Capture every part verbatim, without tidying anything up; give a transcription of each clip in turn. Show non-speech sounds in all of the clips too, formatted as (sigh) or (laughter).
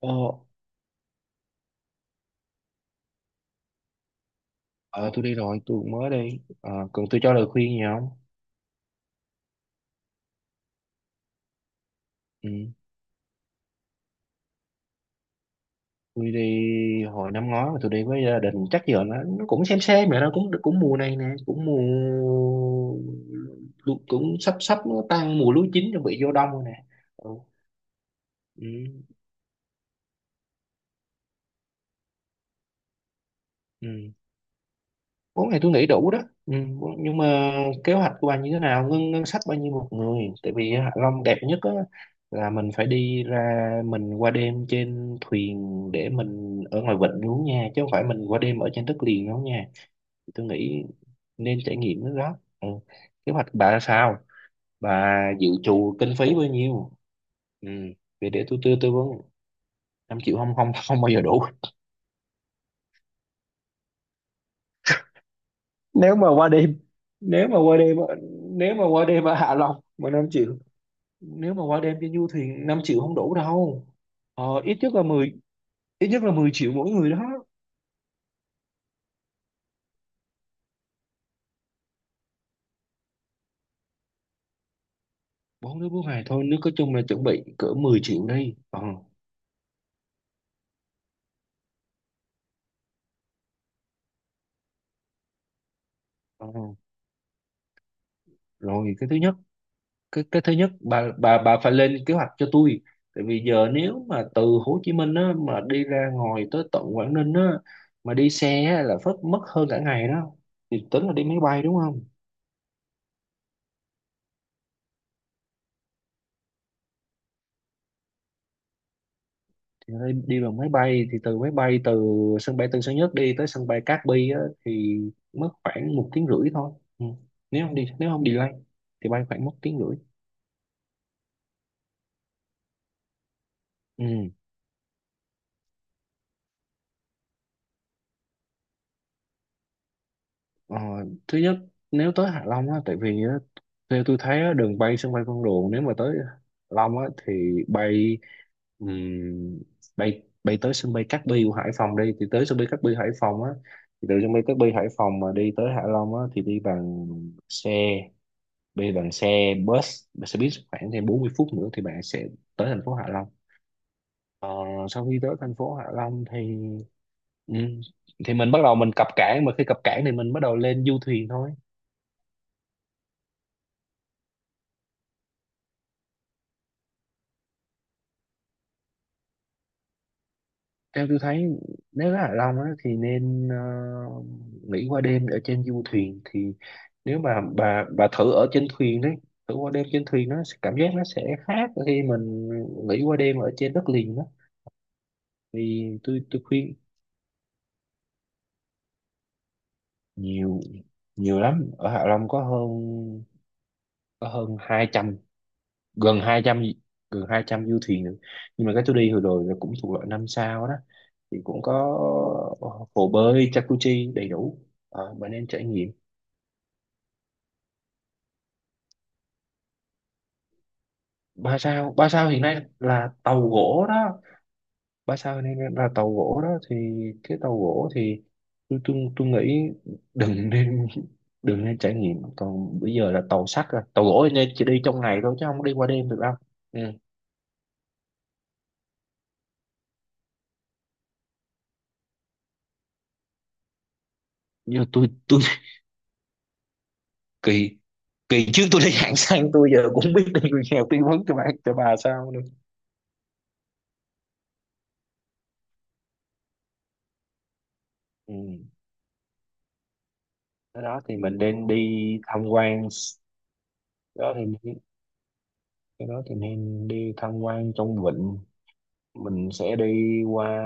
Ờ, ờ, tôi đi rồi, tôi cũng mới đi. Ờ, cần tôi cho lời khuyên gì không? Ừ. Tôi đi hồi năm ngoái mà tôi đi với gia đình, chắc giờ nó nó cũng xem xem rồi đó, cũng cũng mùa này nè, cũng mùa lu- cũng sắp sắp nó tan mùa lúa chín chuẩn bị vô đông rồi nè, ừ. Ừ. Ừ, bốn ngày tôi nghĩ đủ đó, ừ, nhưng mà kế hoạch của bạn như thế nào, ngân ngân sách bao nhiêu một người? Tại vì Hạ Long đẹp nhất á, là mình phải đi ra, mình qua đêm trên thuyền để mình ở ngoài vịnh luôn nha, chứ không phải mình qua đêm ở trên đất liền đâu nha. Tôi nghĩ nên trải nghiệm cái đó, ừ. Kế hoạch bà là sao, bà dự trù kinh phí bao nhiêu? Ừ, để để tôi tư tư vấn, năm triệu không không không bao giờ đủ. Nếu mà qua đêm, nếu mà qua đêm ở- nếu mà qua đêm ở Hạ Long mà năm triệu, nếu mà qua đêm cho du thì năm triệu không đủ đâu. ờ, ít nhất là mười, ít nhất là mười triệu mỗi người đó. Bốn đứa bốn ngày thôi, nếu có chung là chuẩn bị cỡ mười triệu đi, ờ, ờ. Rồi cái thứ nhất, cái cái thứ nhất bà bà bà phải lên kế hoạch cho tôi. Tại vì giờ nếu mà từ Hồ Chí Minh á, mà đi ra ngoài tới tận Quảng Ninh á, mà đi xe á, là phất mất hơn cả ngày đó, thì tính là đi máy bay đúng không? Thì ở đây đi bằng máy bay, thì từ máy bay từ sân bay Tân Sơn Nhất đi tới sân bay Cát Bi á, thì mất khoảng một tiếng rưỡi thôi, ừ. Nếu không đi, nếu không delay thì bay khoảng một tiếng rưỡi, ừ. ờ, thứ nhất, nếu tới Hạ Long á, tại vì á, theo tôi thấy á, đường bay sân bay Vân Đồn nếu mà tới Hạ Long á, thì bay, ừm, bay bay tới sân bay Cát Bi của Hải Phòng đi, thì tới sân bay Cát Bi Hải Phòng á, thì từ sân bay Cát Bi Hải Phòng mà đi tới Hạ Long á, thì đi bằng xe, bây giờ bằng xe bus, xe buýt khoảng thêm bốn mươi phút nữa thì bạn sẽ tới thành phố Hạ Long. Ờ, sau khi tới thành phố Hạ Long thì, ừ, thì mình bắt đầu mình cập cảng, mà khi cập cảng thì mình bắt đầu lên du thuyền thôi. Theo tôi thấy nếu ở Hạ Long á, thì nên, ờ, nghỉ qua đêm ở trên du thuyền, thì nếu mà bà bà thử ở trên thuyền đấy, thử qua đêm trên thuyền, nó sẽ- cảm giác nó sẽ khác khi mình nghỉ qua đêm ở trên đất liền đó. Thì tôi tôi khuyên, nhiều, nhiều lắm, ở Hạ Long có hơn, có hơn hai trăm, gần hai trăm, gần hai trăm du thuyền nữa. Nhưng mà cái tôi đi hồi rồi là cũng thuộc loại năm sao đó, thì cũng có, ờ, hồ bơi jacuzzi đầy đủ. Ờ, bạn nên trải nghiệm. Ba sao, ba sao hiện nay là tàu gỗ đó, ba sao hiện nay là tàu gỗ đó, thì cái tàu gỗ thì tôi tôi, tôi nghĩ đừng nên (laughs) đừng nên trải nghiệm. Còn bây giờ là tàu sắt rồi, tàu gỗ thì nên chỉ đi trong ngày thôi chứ không có đi qua đêm được đâu, ừ. Nhưng mà tôi tôi kỳ, kỳ trước tôi đi hạng xăng, tôi giờ cũng biết đi người nghèo tư vấn cho bạn cho bà sao nữa. Ừ, cái đó thì mình nên đi tham quan, cái đó thì cái đó thì nên đi tham quan trong vịnh, mình sẽ đi qua,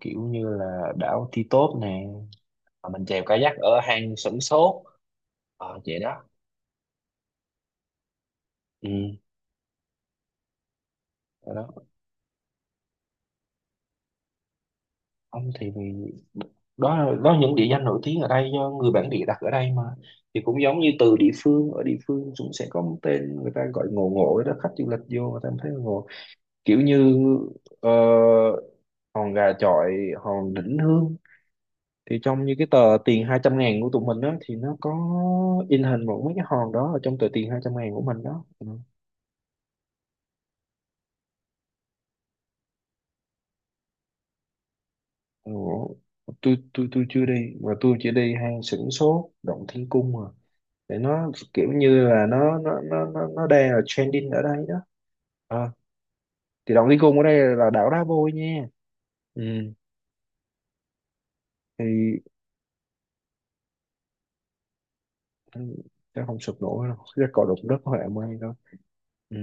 kiểu như là đảo Ti Tốp nè. Và mình chèo kayak ở hang Sửng Sốt. Ờ, vậy đó, ừ. Đó. Không, thì vì đó là, đó là những địa danh nổi tiếng ở đây do người bản địa đặt ở đây mà. Thì cũng giống như từ địa phương, ở địa phương cũng sẽ có một tên người ta gọi ngộ ngộ đó, khách du lịch vô người ta thấy ngộ, kiểu như, ờ, hòn gà chọi, hòn đỉnh hương, thì trong như cái tờ tiền hai trăm ngàn của tụi mình á, thì nó có in hình một mấy cái hòn đó ở trong tờ tiền hai trăm ngàn của mình đó, ừ. Ừ, tôi tôi tôi chưa đi, mà tôi chỉ đi hang Sửng Sốt, Động Thiên Cung mà, để nó kiểu như là nó nó nó nó, nó đang là trending ở đây đó. Ờ, thì động đi cùng ở đây là đảo đá vôi nha, ừ. Thì ừ, chắc không sụp nổi đâu, chắc cò đụng đất hoẹ mây đâu, ừ.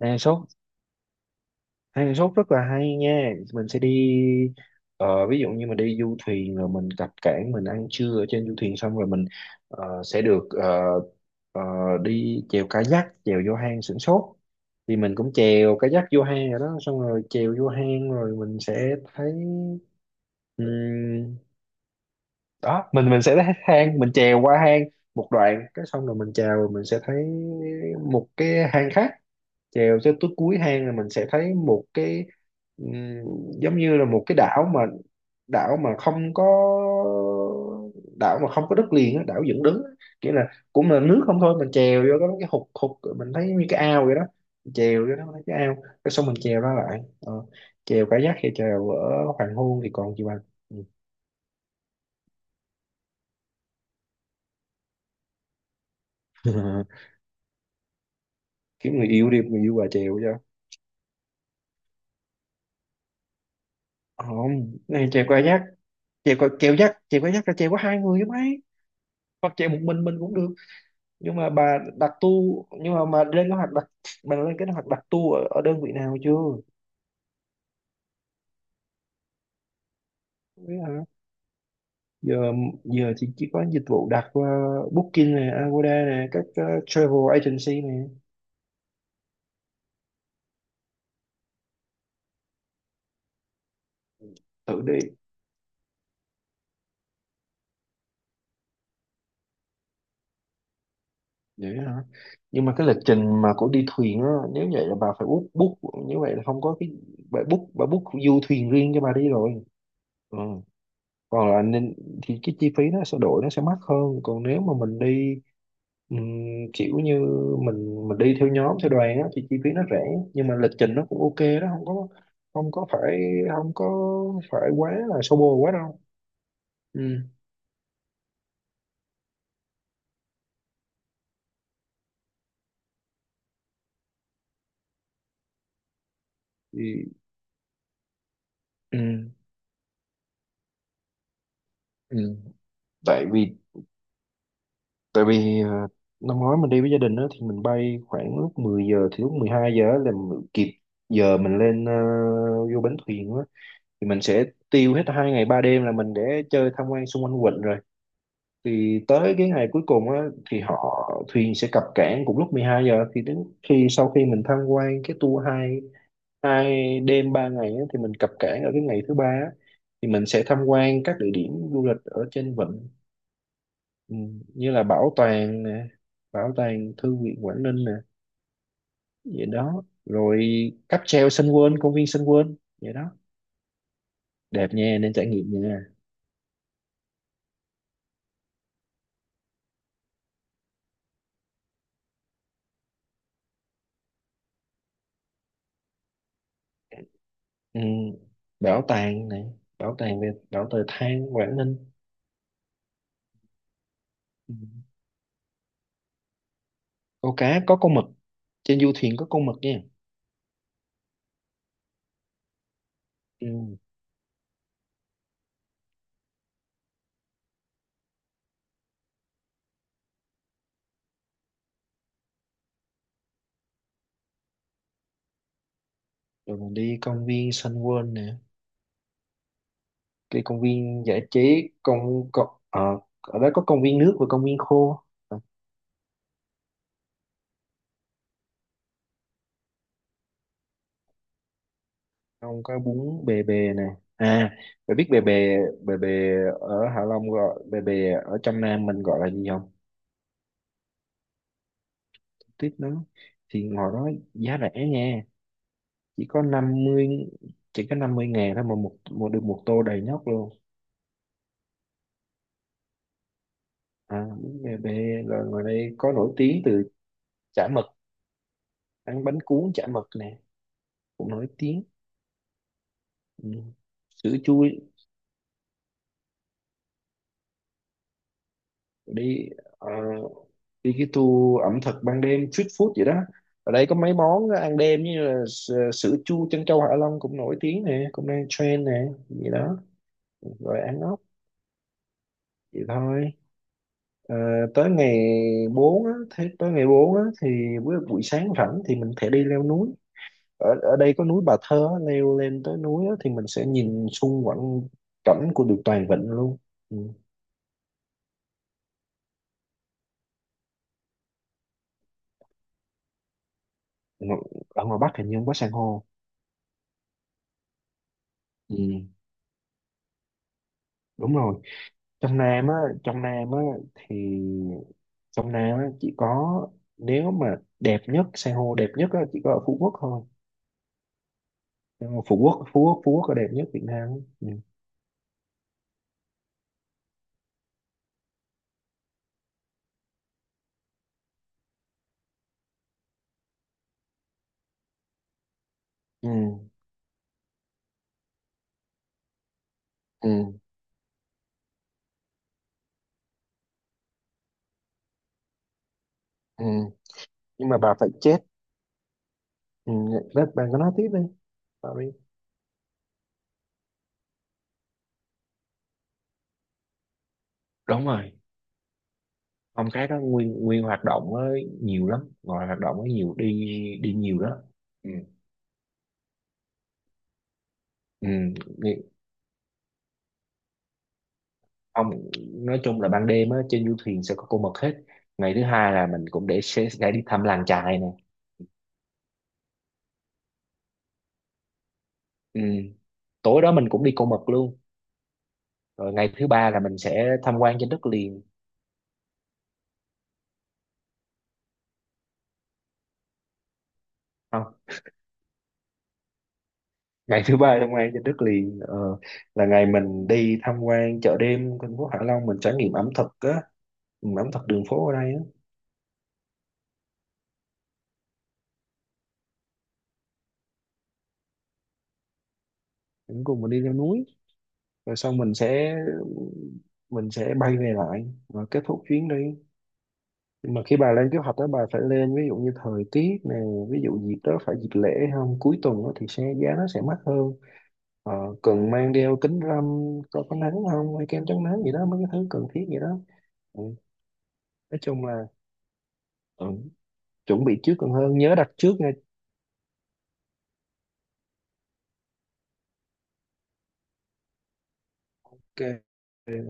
À, số, Hang Sóc rất là hay nha, mình sẽ đi, ờ, ví dụ như mình đi du thuyền rồi mình cập cảng, mình ăn trưa ở trên du thuyền xong rồi mình, ờ, sẽ được, ờ, ờ, đi chèo kayak chèo vô hang Sửng Sốt, thì mình cũng chèo kayak vô hang rồi đó, xong rồi chèo vô hang rồi mình sẽ thấy, ừm, đó mình mình sẽ thấy hang, mình chèo qua hang một đoạn, cái xong rồi mình chèo rồi mình sẽ thấy một cái hang khác, chèo tới tới cuối hang là mình sẽ thấy một cái, ừm, giống như là một cái đảo mà, đảo mà không có, đảo mà không có đất liền á, đảo dựng đứng á. Nghĩa là cũng là nước không thôi, mình chèo vô có mấy cái hụt hụt mình thấy như cái ao vậy đó, mình chèo vô đó mình thấy cái ao, cái xong mình chèo ra lại, ờ. Chèo cá giác hay chèo ở hoàng hôn thì còn gì bằng. Ừ. (laughs) Kiếm người yêu đi, người yêu bà chèo cho. Không, cái này chèo qua giác, chèo qua chèo dắt, chèo qua dắt là chèo có hai người chứ mấy, hoặc chèo một mình mình cũng được. Nhưng mà bà đặt tu, nhưng mà mà lên kế hoạch đặt, bà lên kế hoạch đặt tu ở, ở đơn vị nào chưa? Không Biết hả? Giờ, giờ thì chỉ có dịch vụ đặt qua Booking này, Agoda này, các, ờ, travel agency này. Tự đi, vậy hả. Nhưng mà cái lịch trình mà của đi thuyền á, nếu vậy là bà phải book, book như vậy là không có cái, bà book, bà book du thuyền riêng cho bà đi rồi, ừ. Còn là nên, thì cái chi phí nó sẽ đổi, nó sẽ mắc hơn, còn nếu mà mình đi, Ừm, kiểu như mình mình đi theo nhóm theo đoàn á, thì chi phí nó rẻ, nhưng mà lịch trình nó cũng ok đó, không có, không có phải, không có phải quá là xô bồ quá đâu, ừ. Thì, ừ. Ừ. Tại vì, tại vì ờ, năm ngoái mình đi với gia đình đó thì mình bay khoảng lúc mười giờ, thì lúc mười hai giờ á là mình kịp giờ mình lên, ờ, vô bến thuyền á, thì mình sẽ tiêu hết hai ngày ba đêm là mình để chơi tham quan xung quanh quận. Thì tới cái ngày cuối cùng á, thì họ, thuyền sẽ cập cảng cùng lúc mười hai giờ, thì đến khi sau khi mình tham quan cái tour hai, hai đêm ba ngày á, thì mình cập cảng ở cái ngày thứ ba á, thì mình sẽ tham quan các địa điểm du lịch ở trên vịnh, ừ, như là bảo tàng nè, bảo tàng thư viện Quảng Ninh nè, vậy đó rồi cáp treo Sun World, công viên Sun World, vậy đó, đẹp nha, nên trải nghiệm nha. Ừ, bảo tàng này, bảo tàng về bảo tàng than Quảng Ninh. Ừ. Câu cá có con mực, trên du thuyền có con mực nha, ừ. Rồi mình đi công viên Sun World nè, cái công viên giải trí, công, công ờ, ở đó có công viên nước và công viên khô. Ờ, không có bún bề bề nè, à, bạn biết bề bề, bề bề ở Hạ Long gọi bề bề, ở trong Nam mình gọi là gì không? Tiếp nó, thì ngồi đó giá rẻ nha, chỉ có năm mươi, chỉ có năm mươi ngàn thôi, mà một, một được một tô đầy nhóc luôn. À bún bề bề, là ngoài đây có nổi tiếng từ chả mực, ăn bánh cuốn chả mực nè, cũng nổi tiếng, ừ. Sữa chua, đi, ờ, đi cái tour ẩm thực ban đêm, street food vậy đó, ở đây có mấy món ăn đêm như là s- sữa chua trân châu Hạ Long cũng nổi tiếng nè, cũng đang trend nè gì đó, rồi ăn ốc, vậy thôi. Ờ, tới ngày bốn, á, thế tới ngày bốn á, thì buổi, buổi sáng rảnh thì mình thể đi leo núi, ở ở đây có núi Bà Thơ á, leo lên tới núi á, thì mình sẽ nhìn xung quanh cảnh của được toàn vịnh luôn. Ừ. ngo- Ở ngoài Bắc hình như không có san hô, ừ, đúng rồi. Trong Nam á, trong Nam á thì, trong Nam á chỉ có, nếu mà đẹp nhất san hô đẹp nhất á chỉ có ở Phú Quốc thôi. Nhưng mà Phú Quốc, Phú Quốc Phú Quốc là đẹp nhất Việt Nam á, ừ. Ừ. Ừ. Ừ. Nhưng mà bà phải chết, ừ, đó, bà có nói tiếp đi. Bà đi. Đúng rồi, phong cái đó nguyên, nguyên hoạt động á nhiều lắm, ngoài hoạt động á nhiều đi, đi nhiều đó, ừ. Ừ. Ông, nói chung là ban đêm á trên du thuyền sẽ có con mực hết. Ngày thứ hai là mình cũng để sẽ sẽ đi thăm làng chài nè, ừ. Tối đó mình cũng đi con mực luôn. Rồi ngày thứ ba là mình sẽ tham quan trên đất liền. Không, ngày thứ ba tham quan trên đất liền, ờ, là ngày mình đi tham quan chợ đêm thành phố Hạ Long, mình trải nghiệm ẩm thực á, ừ, ẩm thực đường phố ở đây á. Mình cùng mình đi leo núi rồi sau mình sẽ, mình sẽ bay về lại và kết thúc chuyến đi. Nhưng mà khi bà lên kế hoạch đó bà phải lên ví dụ như thời tiết nè, ví dụ dịp đó phải dịp lễ không, cuối tuần đó thì xe giá nó sẽ mắc hơn, ờ, cần mang đeo kính râm, có có nắng không, hay kem chống nắng gì đó, mấy cái thứ cần thiết gì đó, ừ. Nói chung là, ừ, chuẩn bị trước còn hơn, nhớ đặt trước nha.